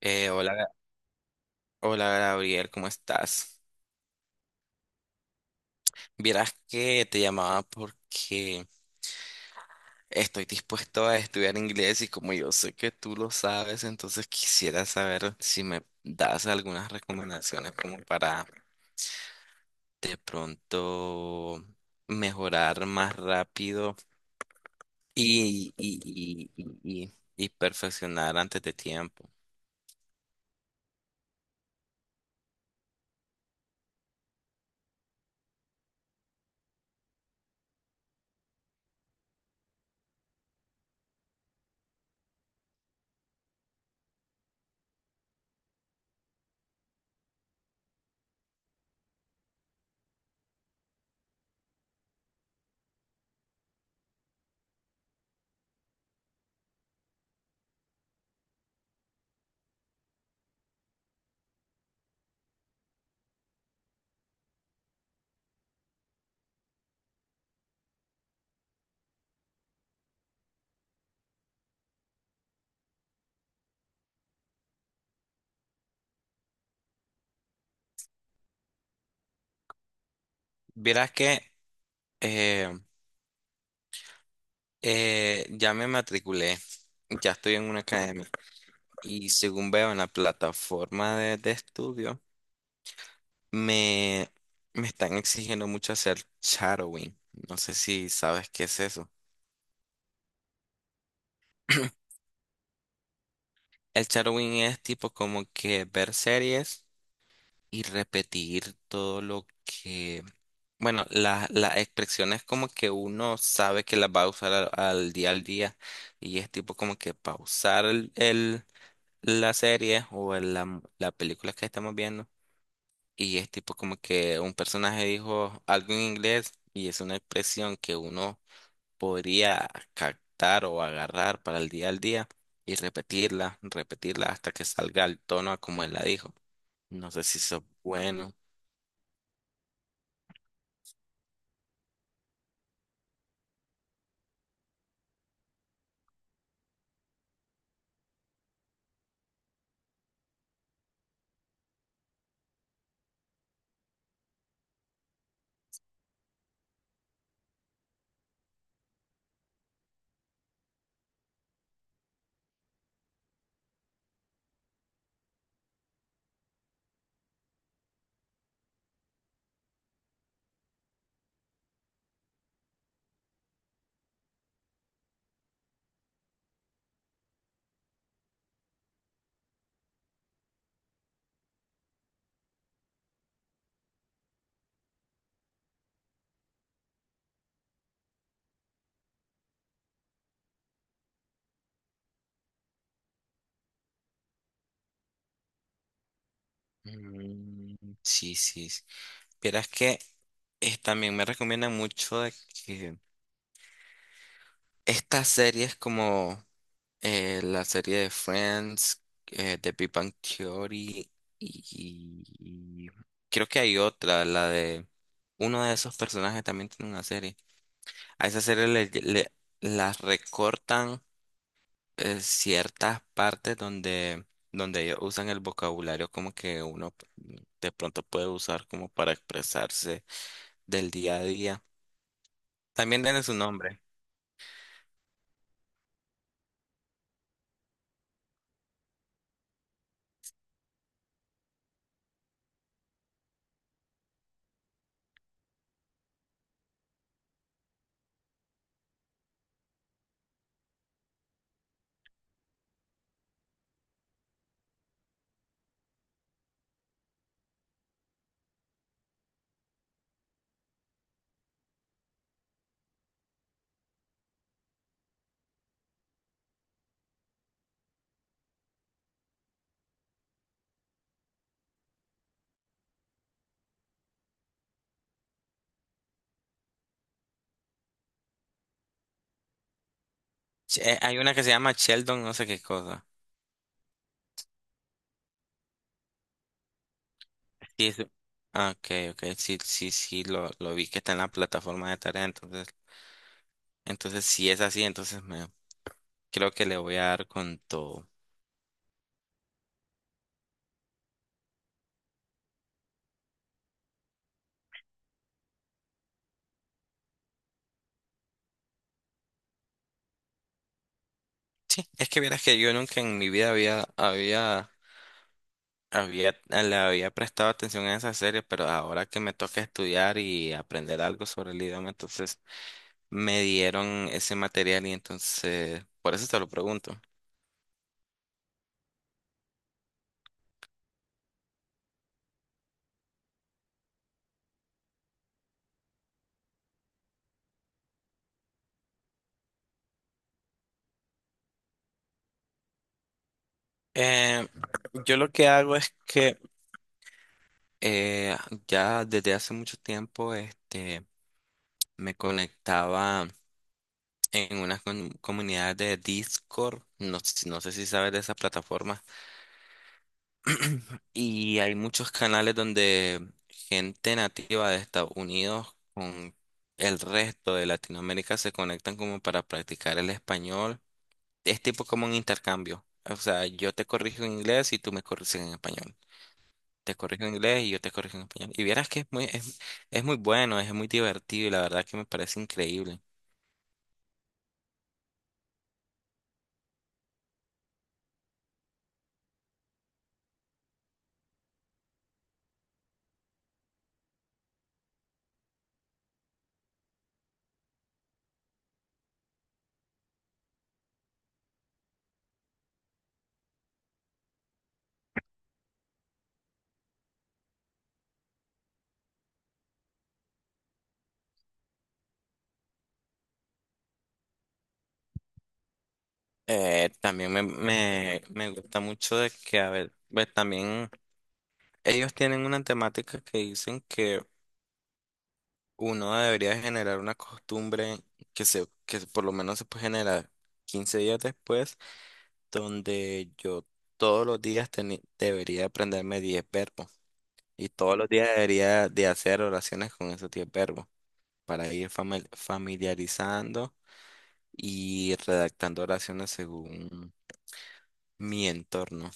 Eh, hola, Ga- Hola Gabriel, ¿cómo estás? Vieras que te llamaba porque estoy dispuesto a estudiar inglés y como yo sé que tú lo sabes, entonces quisiera saber si me das algunas recomendaciones como para de pronto mejorar más rápido y, y, y, y, y perfeccionar antes de tiempo. Vieras que eh, ya me matriculé, ya estoy en una academia. Y según veo en la plataforma de estudio, me, me están exigiendo mucho hacer shadowing. No sé si sabes qué es eso. El shadowing es tipo como que ver series y repetir todo lo que, bueno, las expresiones como que uno sabe que las va a usar al día al día, y es tipo como que pausar la serie o la película que estamos viendo. Y es tipo como que un personaje dijo algo en inglés y es una expresión que uno podría captar o agarrar para el día al día y repetirla hasta que salga el tono a como él la dijo. No sé si eso es bueno. Mm, sí, sí, sí. Pero es que también me recomiendan mucho de que estas series como la serie de Friends, de Big Bang Theory, y creo que hay otra, la de uno de esos personajes también tiene una serie. A esa serie las recortan ciertas partes donde, donde ellos usan el vocabulario como que uno de pronto puede usar como para expresarse del día a día. También tiene su nombre. Hay una que se llama Sheldon, no sé qué cosa. Sí, eso, ah, ok, ok, sí, sí, sí, lo vi que está en la plataforma de tarea, entonces, entonces si es así, entonces creo que le voy a dar con todo. Sí, es que vieras que yo nunca en mi vida le había prestado atención a esa serie, pero ahora que me toca estudiar y aprender algo sobre el idioma, entonces me dieron ese material y entonces, por eso te lo pregunto. Eh, yo lo que hago es que eh, ya desde hace mucho tiempo, este, me conectaba en unas comunidades de Discord, no sé si sabes de esas plataformas, y hay muchos canales donde gente nativa de Estados Unidos con el resto de Latinoamérica se conectan como para practicar el español. Es tipo como un intercambio. O sea, yo te corrijo en inglés y tú me corriges en español. Te corrijo en inglés y yo te corrijo en español. Y vieras que es muy bueno, es muy divertido y la verdad que me parece increíble. También me gusta mucho de que, a ver, pues también ellos tienen una temática que dicen que uno debería generar una costumbre que por lo menos se puede generar 15 días después, donde yo todos los días debería aprenderme 10 verbos y todos los días debería de hacer oraciones con esos 10 verbos para ir familiarizando y redactando oraciones según mi entorno.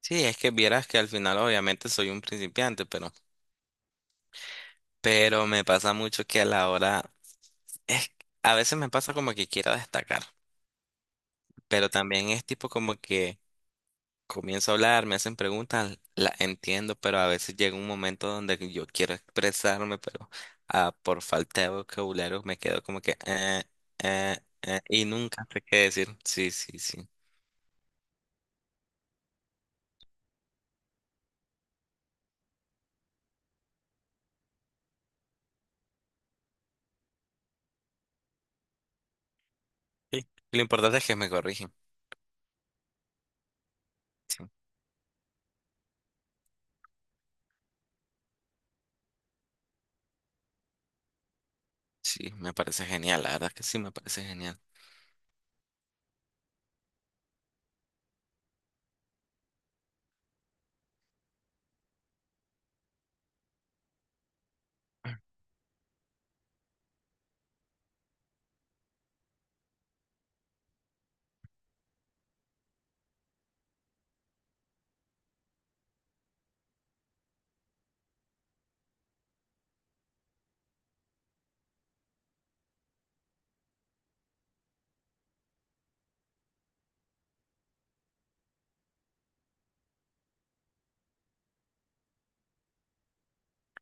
Sí, es que vieras que al final obviamente soy un principiante, pero me pasa mucho que a la hora, es, a veces me pasa como que quiero destacar, pero también es tipo como que comienzo a hablar, me hacen preguntas, las entiendo, pero a veces llega un momento donde yo quiero expresarme, pero por falta de vocabulario me quedo como que eh, y nunca sé qué decir. Sí, sí, sí. Sí, lo importante es que me corrigen. Sí, sí, me parece genial, la verdad que sí, me parece genial.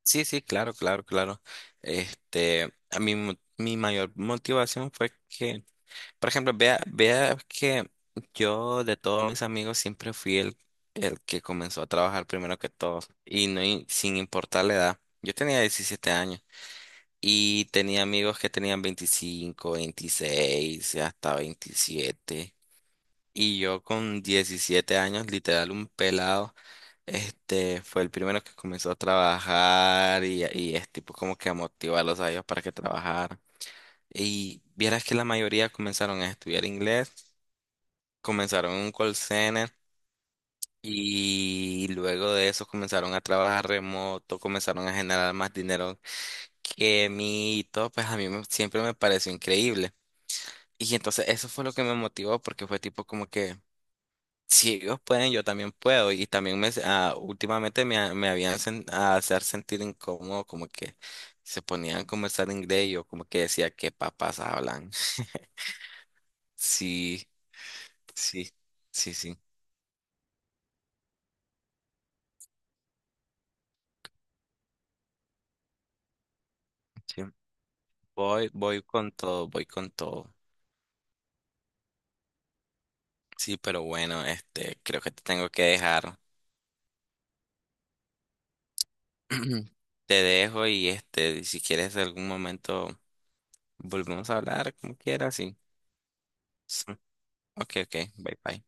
Sí, sí, claro, claro, claro. Este, a mí mi mayor motivación fue que, por ejemplo, vea, vea que yo de todos mis amigos siempre fui el que comenzó a trabajar primero que todos y no sin importar la edad. Yo tenía 17 años y tenía amigos que tenían 25, 26 y hasta 27 y yo con 17 años, literal un pelado, este fue el primero que comenzó a trabajar, y es tipo como que a motivarlos a ellos para que trabajaran. Y vieras que la mayoría comenzaron a estudiar inglés, comenzaron en un call center y luego de eso comenzaron a trabajar remoto, comenzaron a generar más dinero que mí y todo, pues a mí siempre me pareció increíble. Y entonces eso fue lo que me motivó porque fue tipo como que, si ellos pueden, yo también puedo. Y también últimamente me habían a hacer sentir incómodo, como que se ponían a conversar en inglés y yo como que decía, ¿qué papas hablan? Sí, sí, sí, sí, sí. Voy, voy con todo, voy con todo. Sí, pero bueno, este, creo que te tengo que dejar. Te dejo y, este, si quieres en algún momento volvemos a hablar, como quieras, sí. Sí. Ok, ok, bye bye.